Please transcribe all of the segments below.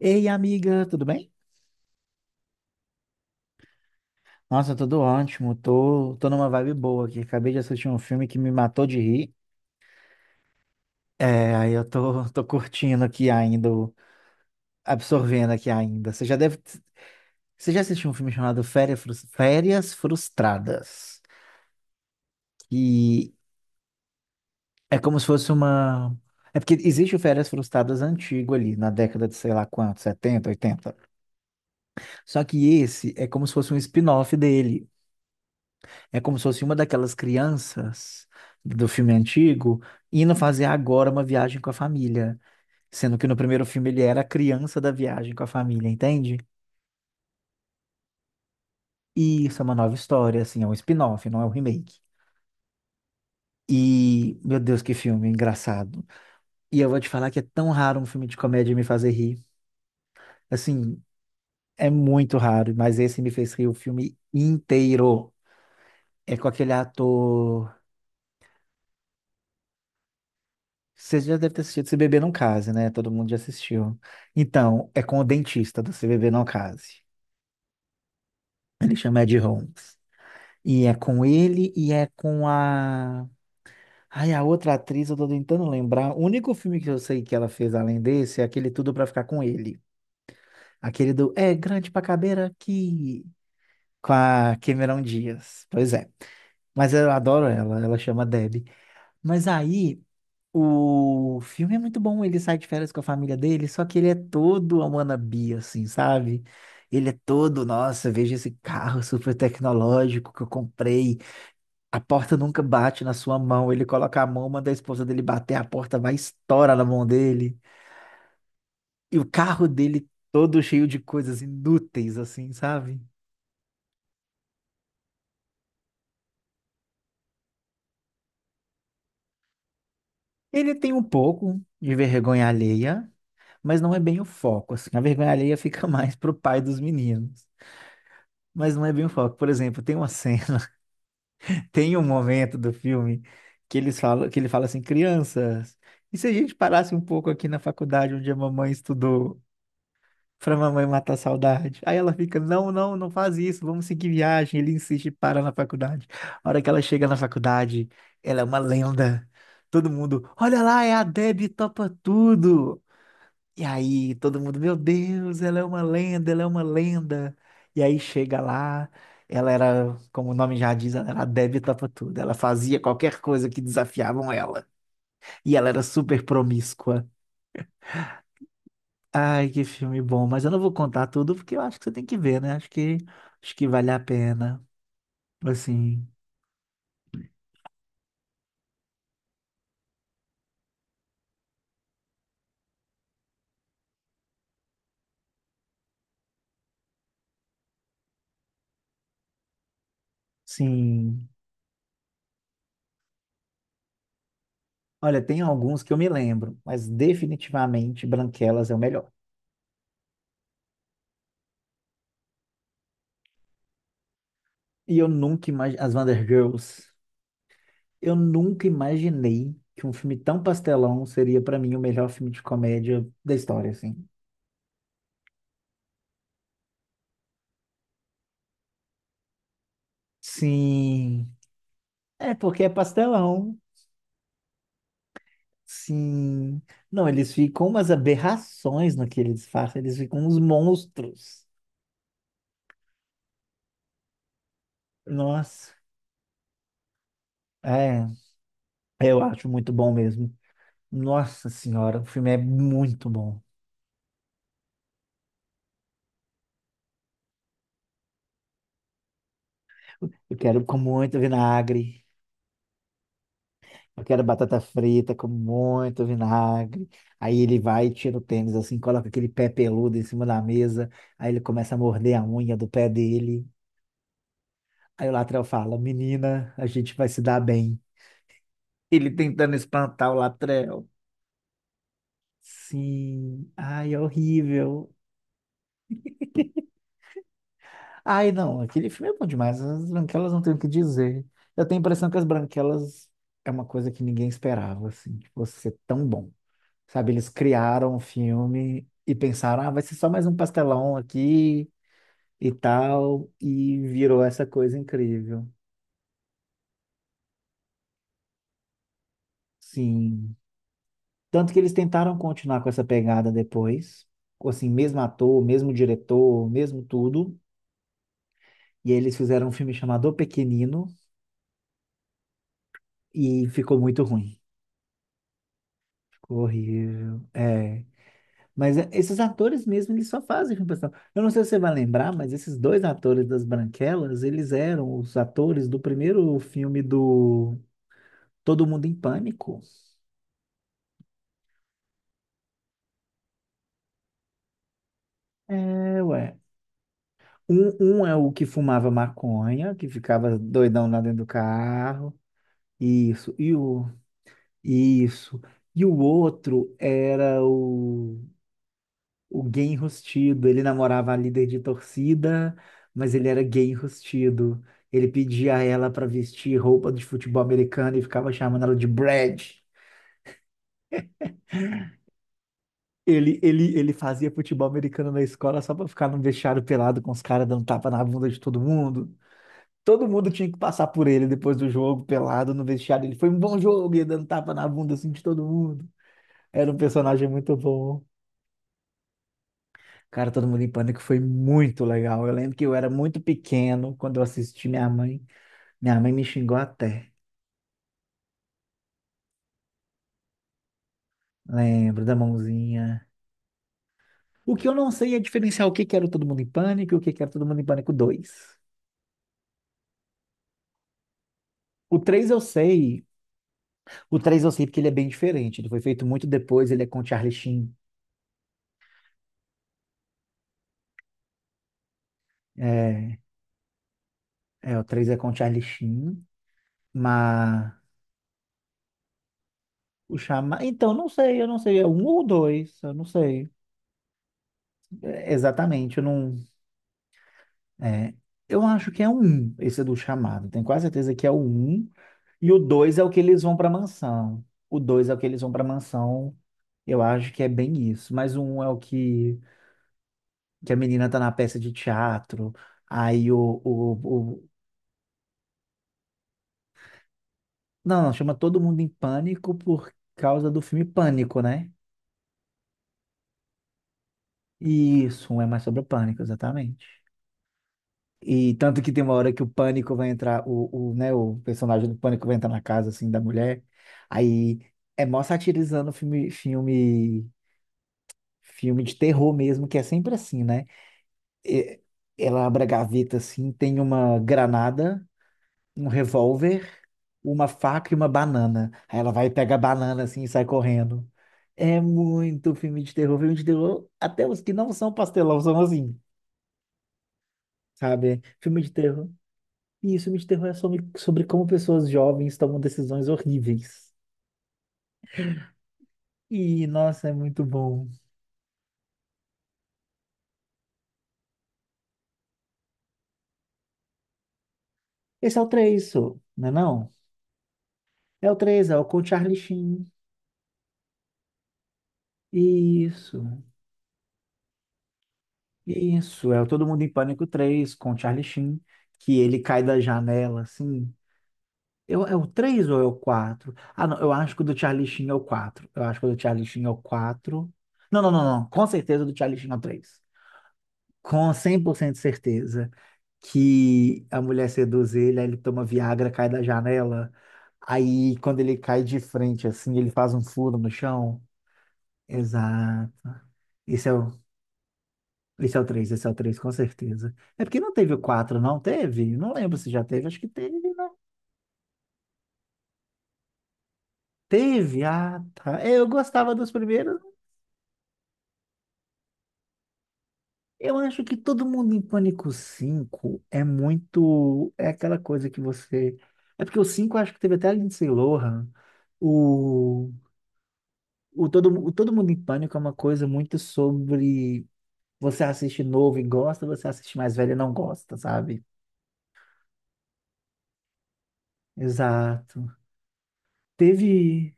Ei, amiga, tudo bem? Nossa, tudo ótimo. Tô numa vibe boa aqui. Acabei de assistir um filme que me matou de rir. É, aí eu tô, tô curtindo aqui ainda, absorvendo aqui ainda. Você já assistiu um filme chamado Férias, Férias Frustradas? E é como se fosse uma. É porque existe o Férias Frustradas antigo ali, na década de sei lá quanto, 70, 80. Só que esse é como se fosse um spin-off dele. É como se fosse uma daquelas crianças do filme antigo indo fazer agora uma viagem com a família, sendo que no primeiro filme ele era a criança da viagem com a família, entende? E isso é uma nova história, assim, é um spin-off, não é um remake. E, meu Deus, que filme engraçado. E eu vou te falar que é tão raro um filme de comédia me fazer rir. Assim, é muito raro, mas esse me fez rir o filme inteiro. É com aquele ator. Você já deve ter assistido Se Beber Não Case, né? Todo mundo já assistiu. Então, é com o dentista do Se Beber Não Case. Ele chama Ed Holmes. E é com ele e é com a. Ai, a outra atriz, eu tô tentando lembrar. O único filme que eu sei que ela fez além desse é aquele Tudo Pra Ficar Com Ele. Aquele do É Grande Pra Caber Aqui. Com a Cameron Diaz. Pois é. Mas eu adoro ela, ela chama Debbie. Mas aí. O filme é muito bom, ele sai de férias com a família dele, só que ele é todo a wannabe, assim, sabe? Ele é todo, nossa, veja esse carro super tecnológico que eu comprei. A porta nunca bate na sua mão. Ele coloca a mão, manda a esposa dele bater, a porta vai e estoura na mão dele. E o carro dele todo cheio de coisas inúteis, assim, sabe? Ele tem um pouco de vergonha alheia, mas não é bem o foco, assim. A vergonha alheia fica mais pro pai dos meninos. Mas não é bem o foco. Por exemplo, tem uma cena. Tem um momento do filme que eles falam, que ele fala assim: crianças, e se a gente parasse um pouco aqui na faculdade onde a mamãe estudou, pra mamãe matar a saudade? Aí ela fica, não, não, não faz isso, vamos seguir viagem. Ele insiste e para na faculdade. A hora que ela chega na faculdade, ela é uma lenda. Todo mundo, olha lá, é a Debbie, topa tudo. E aí todo mundo, meu Deus, ela é uma lenda, ela é uma lenda. E aí chega lá, ela era, como o nome já diz, ela era adepta pra tudo. Ela fazia qualquer coisa que desafiavam ela. E ela era super promíscua. Ai, que filme bom, mas eu não vou contar tudo porque eu acho que você tem que ver, né? Acho que vale a pena. Assim, sim. Olha, tem alguns que eu me lembro, mas definitivamente Branquelas é o melhor. E eu nunca imaginei as Wonder Girls. Eu nunca imaginei que um filme tão pastelão seria pra mim o melhor filme de comédia da história, assim. Sim, é porque é pastelão. Sim. Não, eles ficam umas aberrações no que eles fazem, eles ficam uns monstros. Nossa, é, eu acho muito bom mesmo. Nossa senhora, o filme é muito bom. Eu quero com muito vinagre. Eu quero batata frita com muito vinagre. Aí ele vai, e tira o tênis assim, coloca aquele pé peludo em cima da mesa. Aí ele começa a morder a unha do pé dele. Aí o Latrell fala: Menina, a gente vai se dar bem. Ele tentando espantar o Latrell. Sim, ai, é horrível. Ai, não, aquele filme é bom demais. As branquelas não tem o que dizer. Eu tenho a impressão que as branquelas é uma coisa que ninguém esperava, assim, de você ser tão bom. Sabe, eles criaram o filme e pensaram, ah, vai ser só mais um pastelão aqui e tal, e virou essa coisa incrível. Sim. Tanto que eles tentaram continuar com essa pegada depois, com, assim, mesmo ator, mesmo diretor, mesmo tudo, e aí eles fizeram um filme chamado O Pequenino e ficou muito ruim. Ficou horrível. É. Mas é, esses atores mesmo, eles só fazem filme pessoal. Eu não sei se você vai lembrar, mas esses dois atores das Branquelas, eles eram os atores do primeiro filme do Todo Mundo em Pânico. É, ué. Um é o que fumava maconha, que ficava doidão lá dentro do carro. Isso. Isso. E o outro era o gay enrustido. Ele namorava a líder de torcida, mas ele era gay enrustido. Ele pedia a ela para vestir roupa de futebol americano e ficava chamando ela de Brad. Ele fazia futebol americano na escola só para ficar no vestiário pelado com os caras dando tapa na bunda de todo mundo. Todo mundo tinha que passar por ele depois do jogo, pelado no vestiário. Ele foi um bom jogo, ia dando tapa na bunda assim de todo mundo. Era um personagem muito bom. Cara, Todo Mundo em Pânico foi muito legal. Eu lembro que eu era muito pequeno quando eu assisti minha mãe. Minha mãe me xingou até. Lembro da mãozinha. O que eu não sei é diferenciar o que que era o Todo Mundo em Pânico e o que que era o Todo Mundo em Pânico dois. O 3 eu sei. O 3 eu sei porque ele é bem diferente. Ele foi feito muito depois, ele é com o Charlie Sheen. É, é, o 3 é com o Charlie Sheen, mas o Chama... Então, não sei, eu não sei. É um ou dois, eu não sei. É, exatamente, eu não... É, eu acho que é o um, esse do chamado. Tenho quase certeza que é o um. E o dois é o que eles vão para mansão. O dois é o que eles vão para mansão. Eu acho que é bem isso. Mas o um é o que, que a menina tá na peça de teatro. Aí o, o- Não, não, chama todo mundo em pânico por causa do filme Pânico, né? Isso, um é mais sobre o pânico, exatamente. E tanto que tem uma hora que o pânico vai entrar, né, o personagem do pânico vai entrar na casa, assim, da mulher. Aí é mó satirizando filme de terror mesmo, que é sempre assim, né? E- ela abre a gaveta, assim, tem uma granada, um revólver, uma faca e uma banana. Aí ela vai e pega a banana, assim, e sai correndo. É muito filme de terror, até os que não são pastelão são assim, sabe? Filme de terror. E isso me interroga sobre como pessoas jovens tomam decisões horríveis. E, nossa, é muito bom. Esse é o 3, sô, não é não? É o 3, é o com Charlie Sheen. Isso, isso. É o Todo Mundo em Pânico três com Charlie Sheen, que ele cai da janela, assim. Eu, é o três ou é o 4? Ah, não, eu acho que o do Charlie Sheen é o quatro. Eu acho que o do Charlie Sheen é o 4. Não, não, não, não. Com certeza o do Charlie Sheen é o 3. Com 100% de certeza que a mulher seduz ele, aí ele toma Viagra, cai da janela. Aí, quando ele cai de frente, assim, ele faz um furo no chão. Exato. Esse é o, esse é o 3 com certeza. É porque não teve o 4 não teve? Não lembro se já teve, acho que teve, não. Teve, ah, tá. É, eu gostava dos primeiros. Eu acho que Todo Mundo em Pânico cinco é muito. É aquela coisa que você. É porque o 5 eu acho que teve até a Lindsay Lohan. O, o Todo Mundo em Pânico é uma coisa muito sobre você assiste novo e gosta, você assiste mais velho e não gosta, sabe? Exato. Teve.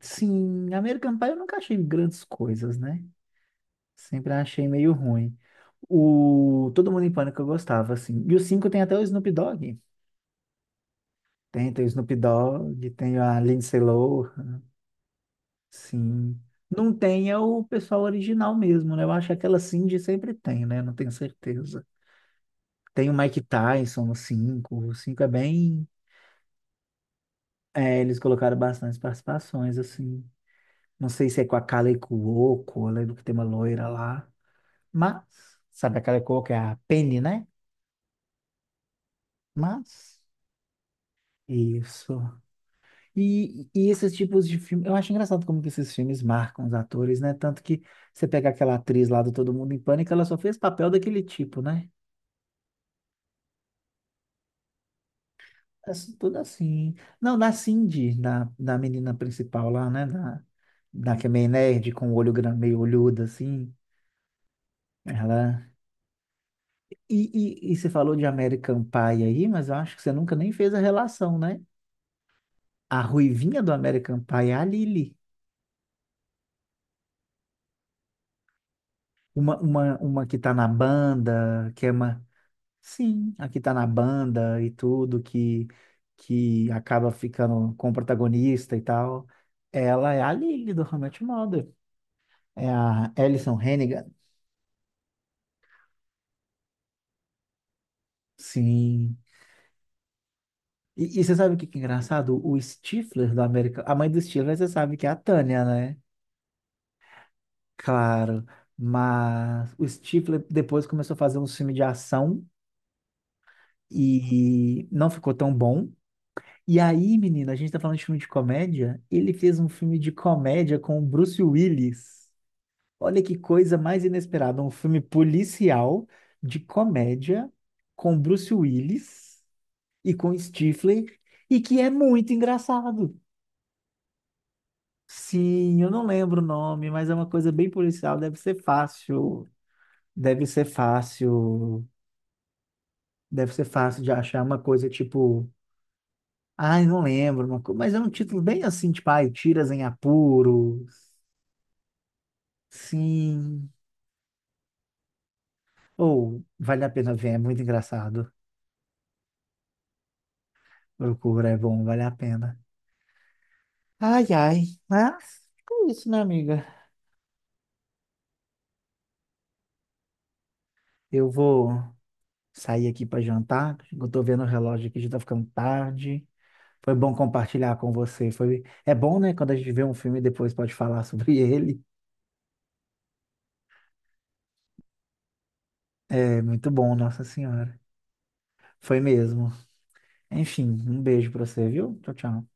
Sim, American Pie eu nunca achei grandes coisas, né? Sempre achei meio ruim. O Todo Mundo em Pânico eu gostava, assim. E o 5 tem até o Snoop Dogg. Tem, tem o Snoop Dogg, tem a Lindsay Lohan, sim. Não tem é o pessoal original mesmo, né? Eu acho que aquela Cindy sempre tem, né? Não tenho certeza. Tem o Mike Tyson no cinco. O 5 é bem. É, eles colocaram bastante participações, assim. Não sei se é com a Kaley Cuoco, eu lembro que tem uma loira lá. Mas, sabe a Kaley Cuoco é a Penny, né? Mas, isso. E, e, esses tipos de filme, eu acho engraçado como que esses filmes marcam os atores, né? Tanto que você pega aquela atriz lá do Todo Mundo em Pânico, ela só fez papel daquele tipo, né? É tudo assim. Não, na Cindy, na menina principal lá, né? Na que é meio nerd, com o olho gran- meio olhudo, assim. Ela... E você falou de American Pie aí, mas eu acho que você nunca nem fez a relação, né? A ruivinha do American Pie é a Lily. Uma que tá na banda, que é uma Sim, aqui tá na banda e tudo que acaba ficando com o protagonista e tal. Ela é a Lily do How I Met Your Mother. É a Alison Hannigan. Sim. E você sabe o que que é engraçado? O Stifler do América, a mãe do Stifler, você sabe que é a Tânia, né? Claro, mas o Stifler depois começou a fazer um filme de ação e não ficou tão bom. E aí, menina, a gente tá falando de filme de comédia. Ele fez um filme de comédia com o Bruce Willis. Olha que coisa mais inesperada. Um filme policial de comédia com Bruce Willis e com Stifler e que é muito engraçado. Sim, eu não lembro o nome, mas é uma coisa bem policial. Deve ser fácil. Deve ser fácil. Deve ser fácil de achar uma coisa tipo. Ai, não lembro, mas é um título bem assim, tipo, ai, Tiras em Apuros. Sim. Ou vale a pena ver, é muito engraçado. Procura, é bom, vale a pena. Ai, ai. Mas é isso, né, amiga? Eu vou sair aqui para jantar. Eu tô vendo o relógio aqui, já tá ficando tarde. Foi bom compartilhar com você. Foi... É bom, né? Quando a gente vê um filme e depois pode falar sobre ele. É muito bom, Nossa Senhora. Foi mesmo. Enfim, um beijo pra você, viu? Tchau, tchau.